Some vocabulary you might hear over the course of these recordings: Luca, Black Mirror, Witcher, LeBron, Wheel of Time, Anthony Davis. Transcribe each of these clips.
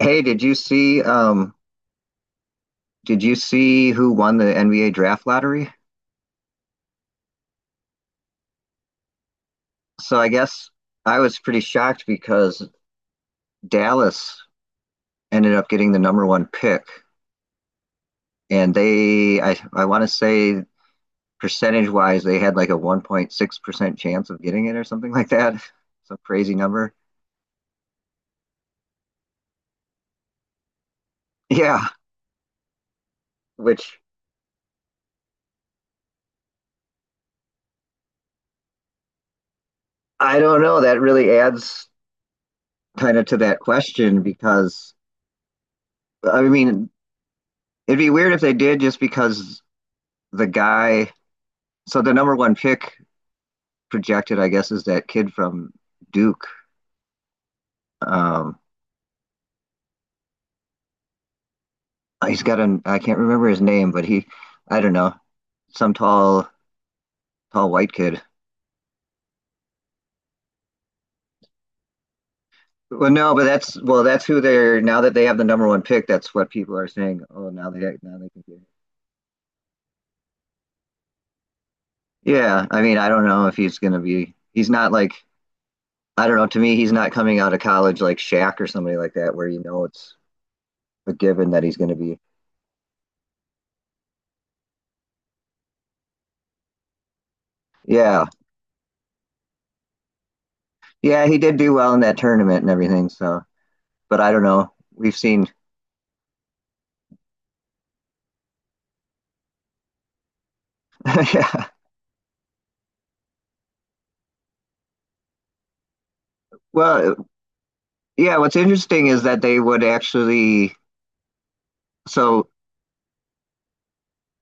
Hey, did you see who won the NBA draft lottery? So I guess I was pretty shocked because Dallas ended up getting the number one pick, and they. I want to say percentage wise they had like a 1.6% chance of getting it or something like that. Some crazy number. Yeah, which I don't know, that really adds kind of to that question because I mean it'd be weird if they did just because the guy, so the number one pick projected, I guess, is that kid from Duke. Um, he's got an I can't remember his name, but he, I don't know, some tall tall white kid. Well, no, but that's well, that's who they're, now that they have the number one pick, that's what people are saying. Oh, now they can get it. Yeah, I mean, I don't know if he's gonna be. He's not like I don't know. To me, he's not coming out of college like Shaq or somebody like that, where it's a given that he's gonna be. Yeah, yeah, he did do well in that tournament and everything. So, but I don't know. We've seen. Yeah. Well, yeah, what's interesting is that they would actually, so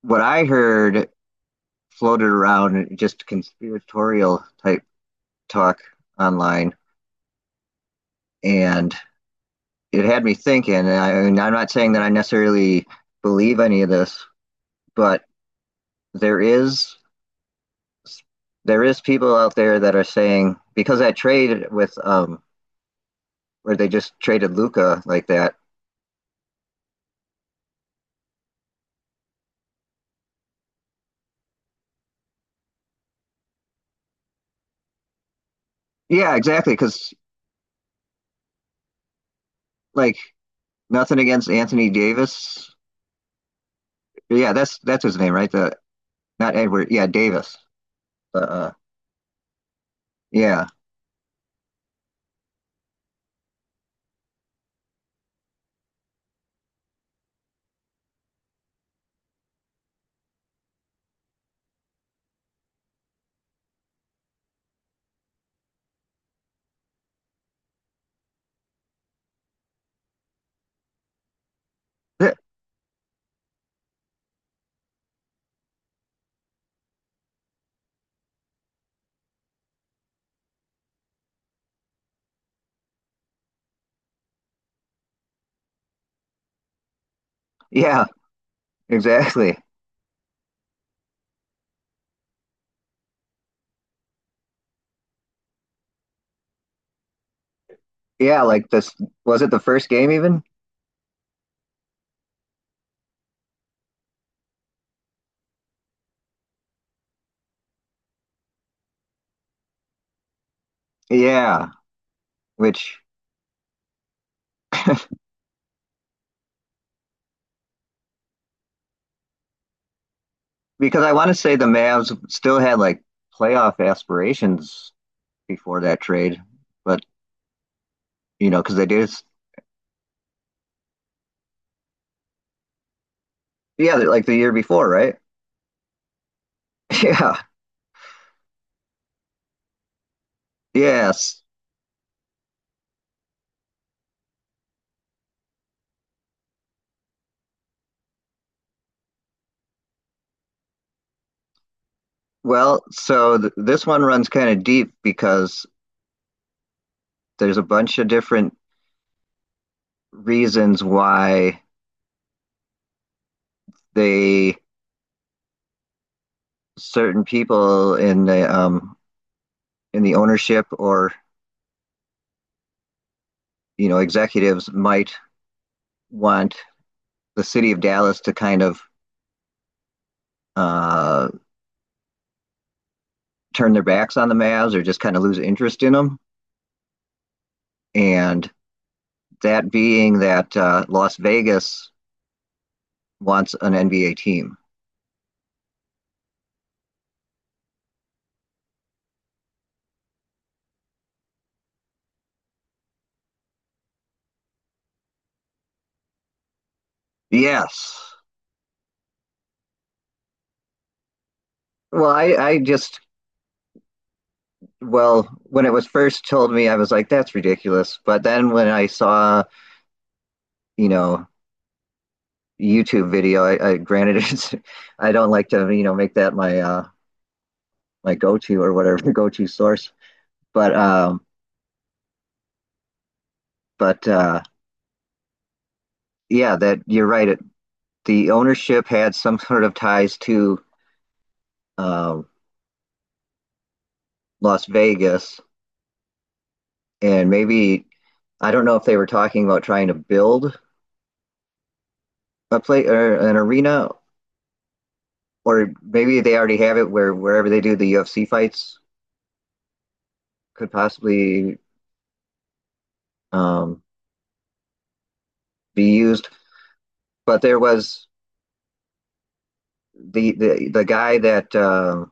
what I heard floated around, just conspiratorial type talk online, and it had me thinking. And I'm not saying that I necessarily believe any of this, but there is there is people out there that are saying because I traded with where they just traded Luca like that. Yeah, exactly. Because like nothing against Anthony Davis, yeah, that's his name, right? The not Edward, yeah, Davis. The yeah, Th- yeah, exactly. Yeah, like this was it the first game even? Yeah, which because I want to say the Mavs still had like playoff aspirations before that trade, but you know because they did, yeah, like the year before, right? Yeah, yes. Well, so th this one runs kind of deep because there's a bunch of different reasons why they, certain people in the ownership or you know executives might want the city of Dallas to kind of uh, turn their backs on the Mavs or just kind of lose interest in them, and that being that Las Vegas wants an NBA team. Yes. Well, I just well when it was first told me, I was like, that's ridiculous. But then when I saw you know YouTube video. I granted it's I don't like to you know make that my my go to or whatever go to source, but um but yeah that you're right. It, the ownership had some sort of ties to um, Las Vegas, and maybe I don't know if they were talking about trying to build a play or an arena, or maybe they already have it where wherever they do the UFC fights could possibly um, be used. But there was the guy that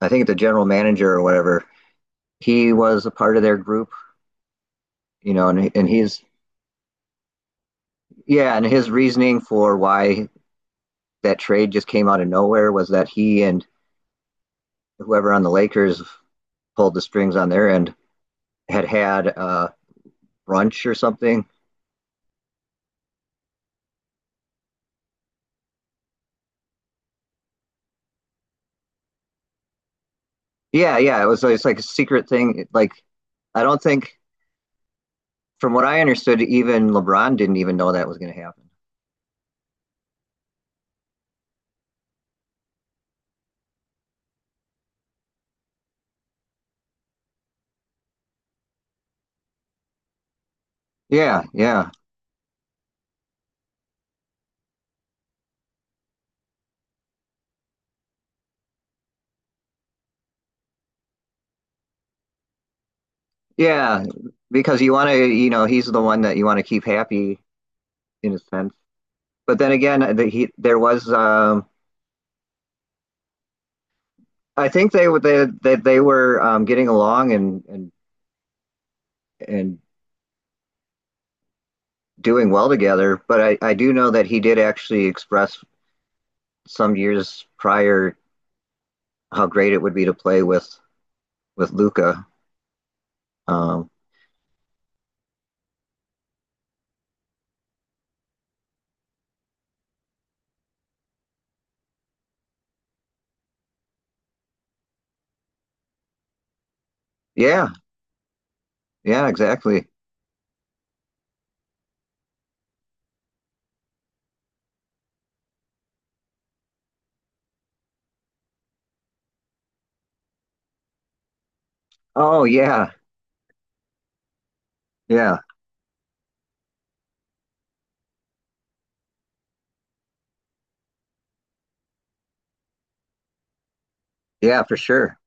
I think the general manager or whatever, he was a part of their group, you know, and he's yeah, and his reasoning for why that trade just came out of nowhere was that he and whoever on the Lakers pulled the strings on their end had brunch or something. Yeah, yeah, it was, it's like a secret thing. Like I don't think, from what I understood, even LeBron didn't even know that was going to happen. Yeah, yeah. Yeah, because you want to, you know, he's the one that you want to keep happy in a sense. But then again, the, he there was, I think they were they were getting along and doing well together. But I do know that he did actually express some years prior how great it would be to play with Luca. Um, yeah, yeah, exactly. Oh yeah, yeah, yeah, for sure.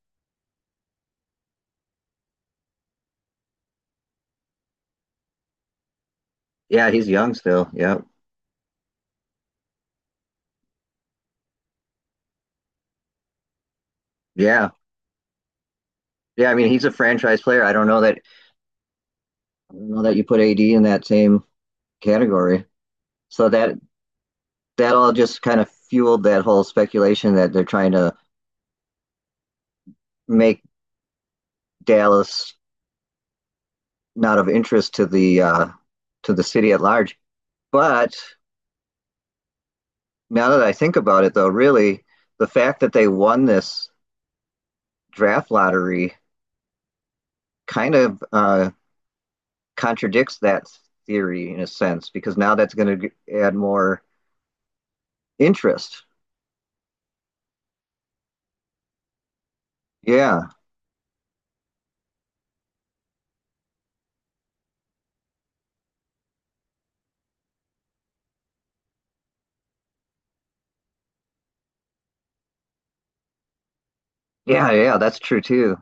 Yeah, he's young still. Yeah, yeah, yeah. I mean, he's a franchise player. I don't know that you put AD in that same category. So that that all just kind of fueled that whole speculation that they're trying to make Dallas not of interest to the city at large. But now that I think about it, though, really the fact that they won this draft lottery kind of contradicts that theory in a sense because now that's going to add more interest. Yeah, yeah, yeah, that's true too.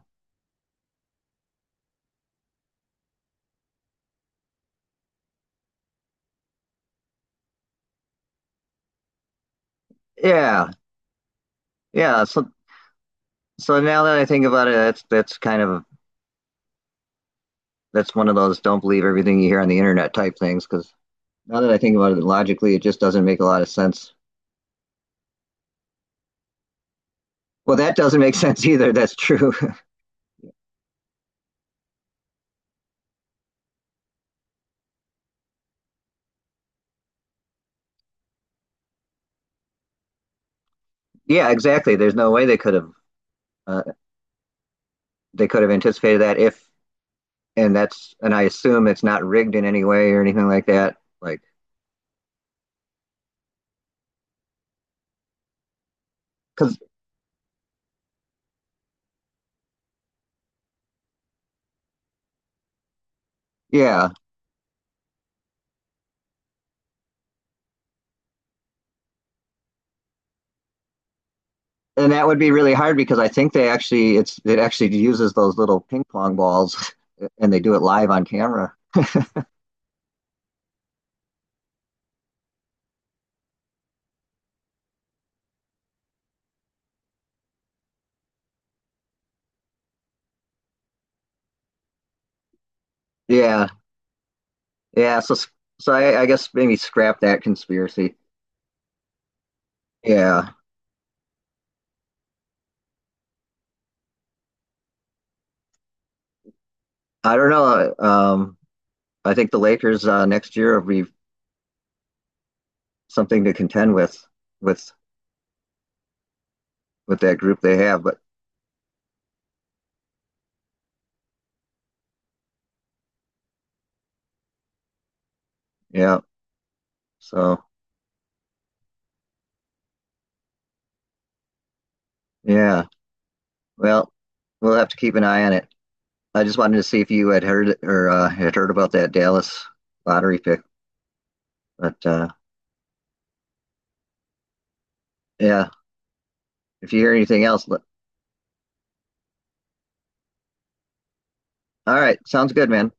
Yeah, yeah. So now that I think about it, that's kind of that's one of those don't believe everything you hear on the internet type things. Because now that I think about it logically, it just doesn't make a lot of sense. Well, that doesn't make sense either. That's true. Yeah, exactly. There's no way uh, they could have anticipated that if, and I assume it's not rigged in any way or anything like that. Like, because yeah, and that would be really hard because I think they actually it's it actually uses those little ping pong balls and they do it live on camera. Yeah. Yeah, so so I guess maybe scrap that conspiracy. Yeah, I don't know. I think the Lakers next year will be something to contend with with with that group they have. But yeah, so yeah, well, we'll have to keep an eye on it. I just wanted to see if you had heard or had heard about that Dallas lottery pick. But yeah, if you hear anything else, let- all right, sounds good, man.